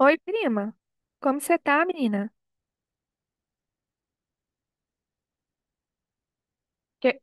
Oi, prima. Como você tá, menina? Que...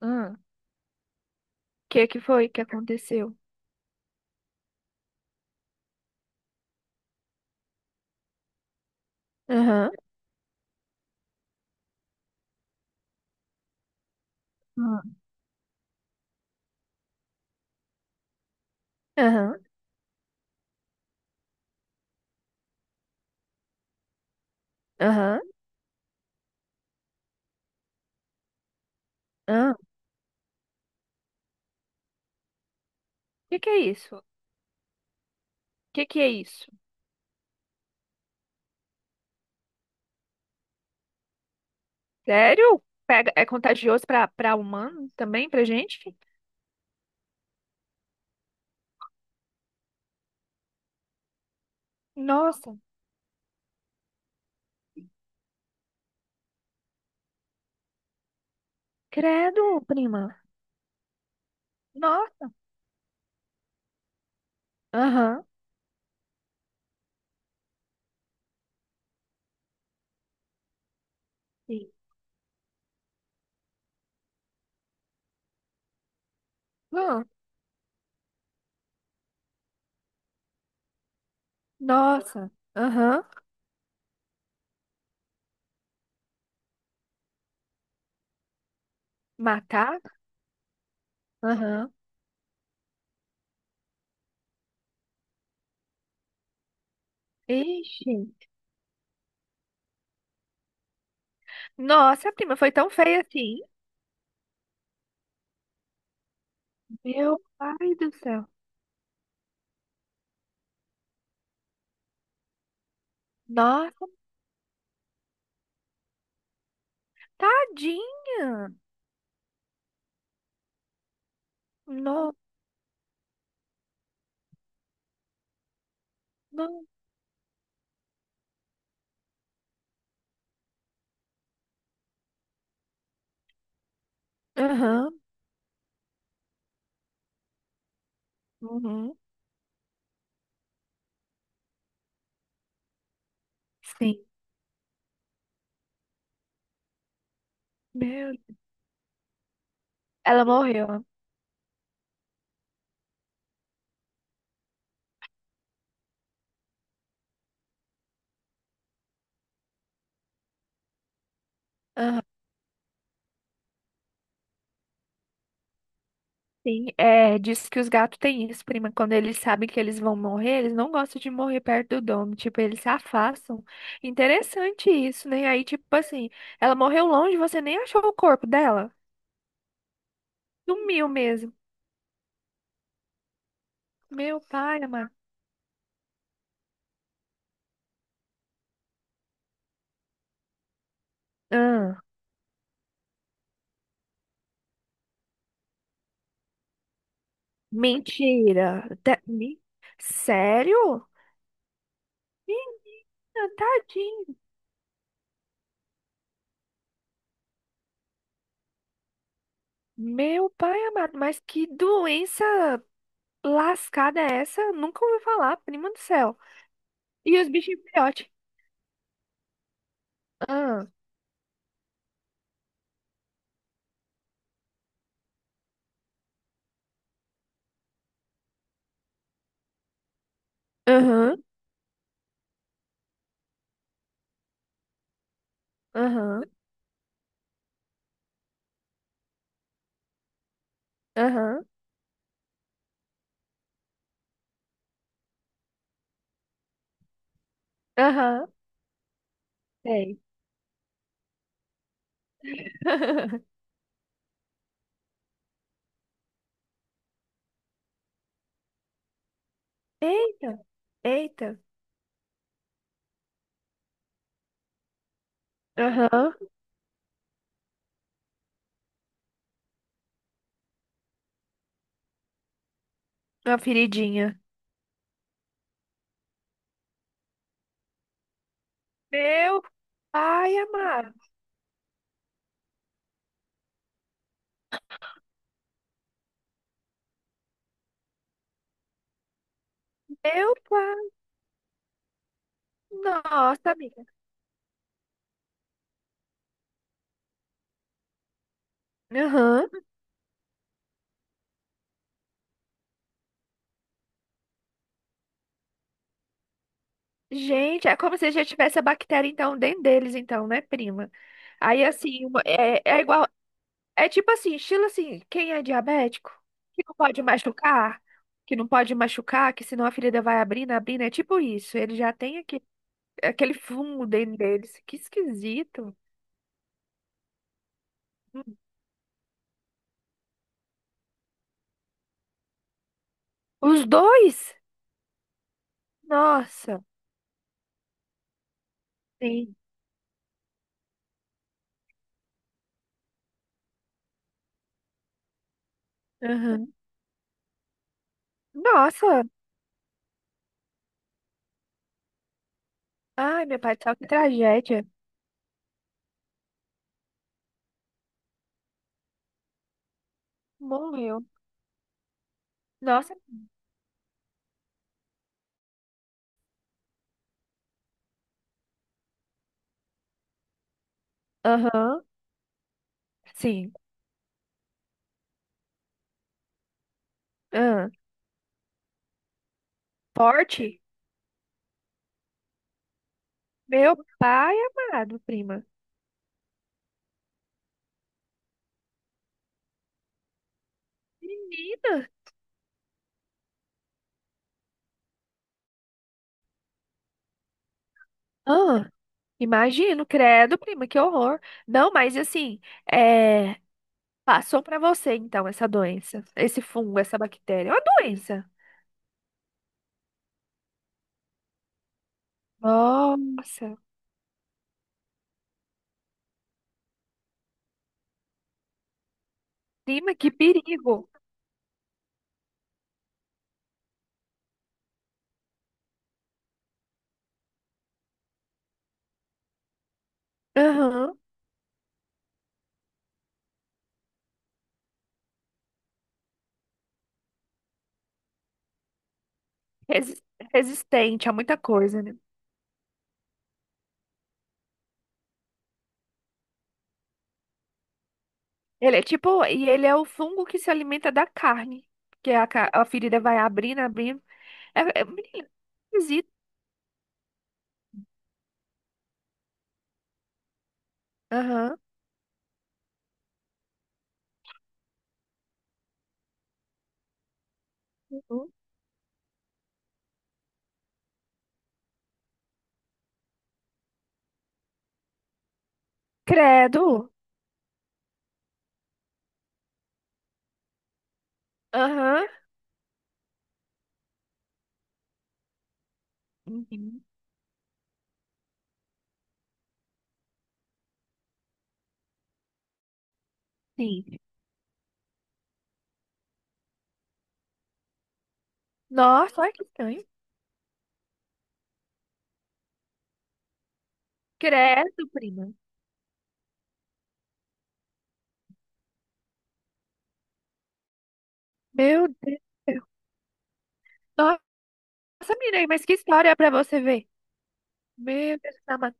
Hã? Que foi que aconteceu? Aham. Ah, aham, aham, aham. Que é isso? Que é isso? Sério? Pega, é contagioso pra, pra humano também, pra gente? Nossa, credo, prima. Nossa, aham. Sim. Hã? Nossa, aham. Matar? Aham. Ixi. Nossa, prima, foi tão feia assim. Meu pai do céu. Nossa, tadinha. Não, não. Aham, uhum, sim. Meu Deus, ela morreu. Aham, sim. É, diz que os gatos têm isso, prima. Quando eles sabem que eles vão morrer, eles não gostam de morrer perto do domo. Tipo, eles se afastam. Interessante isso, né? Aí, tipo assim, ela morreu longe, você nem achou o corpo dela. Sumiu mesmo. Meu pai amado. Ah, mentira. Sério? Menina, tadinho. Meu pai amado, mas que doença lascada é essa? Nunca ouvi falar, prima do céu. E os bichinhos filhote? Ah, aham, aham, aham, aham. Sei. Eita, eita. Aham, uma feridinha. Meu pai amado. Meu pai. Nossa, amiga. Aham. Gente, é como se já tivesse a bactéria, então, dentro deles, então, né, prima? Aí, assim, é, é igual. É tipo assim, estilo assim, quem é diabético, que não pode machucar, que não pode machucar, que senão a ferida vai abrindo, abrindo, é tipo isso. Ele já tem aquele fungo dentro deles. Que esquisito. Os dois? Nossa. Sim. Aham. Nossa. Ai, meu pai do céu, que tragédia. Morreu. Nossa. Aham. Sim. Aham. Forte? Meu pai amado, prima. Menina. Imagino, credo, prima, que horror. Não, mas assim, é, passou pra você então essa doença, esse fungo, essa bactéria. É uma doença. Nossa, prima, que perigo. Aham. Resi- Resistente a muita coisa, né? Ele é tipo, e ele é o fungo que se alimenta da carne, que é a, a ferida vai abrindo, abrindo. É, é menina, esquisito. Aham. Uhum. Credo. Aham. Uhum. Sim. Nossa, olha que estranho. Credo, prima. Meu Deus. Nossa, menina, mas que história pra você ver. Meu Deus,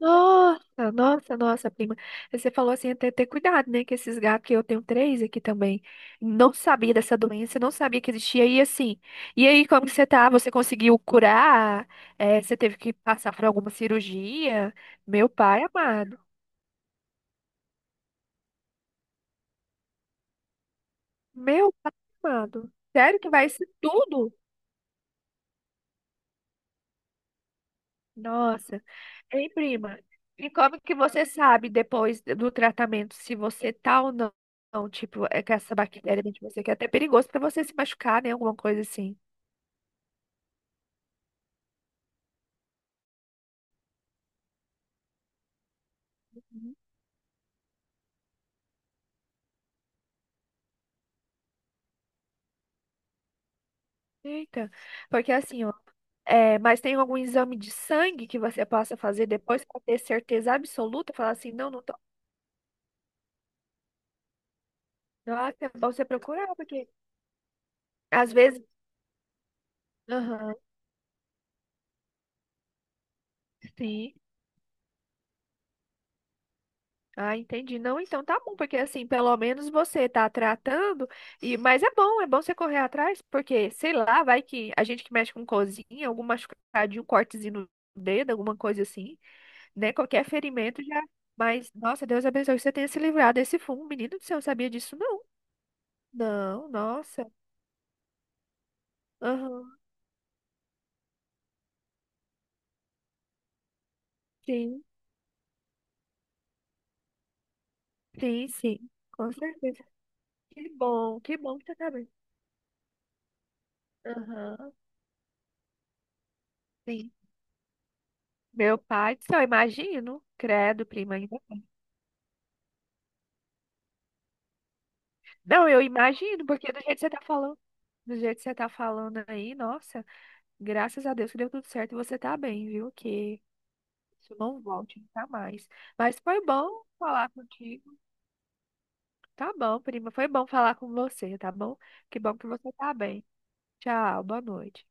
nossa, nossa, nossa, prima. Você falou assim, até ter cuidado, né? Que esses gatos, que eu tenho 3 aqui também, não sabia dessa doença, não sabia que existia. E assim, e aí, como que você tá? Você conseguiu curar? É, você teve que passar por alguma cirurgia? Meu pai amado. Meu pai amado. Sério que vai isso tudo? Nossa. Ei, prima, e como que você sabe depois do tratamento se você tá ou não, não, tipo, é que essa bactéria dentro de você, que é até perigoso pra você se machucar, né? Alguma coisa assim. Uhum. Eita, porque assim, ó, é, mas tem algum exame de sangue que você possa fazer depois pra ter certeza absoluta? Falar assim, não, não tô. Nossa, é bom você procurar, porque às vezes. Aham, sim. Ah, entendi. Não, então tá bom, porque assim, pelo menos você tá tratando, e mas é bom você correr atrás, porque sei lá, vai que a gente que mexe com cozinha, algum machucadinho, um cortezinho no dedo, alguma coisa assim, né? Qualquer ferimento já. Mas, nossa, Deus abençoe que você tenha se livrado desse fumo, menino do céu, eu sabia disso não. Não, nossa. Aham. Sim, sim. Com certeza. Que bom, que bom que você tá bem. Aham. Sim. Meu pai do céu, imagino. Credo, prima, ainda. Não, eu imagino, porque do jeito que você tá falando, do jeito que você tá falando aí, nossa, graças a Deus que deu tudo certo e você tá bem, viu? Que isso não volte nunca mais. Mas foi bom falar contigo. Tá bom, prima, foi bom falar com você, tá bom? Que bom que você tá bem. Tchau, boa noite.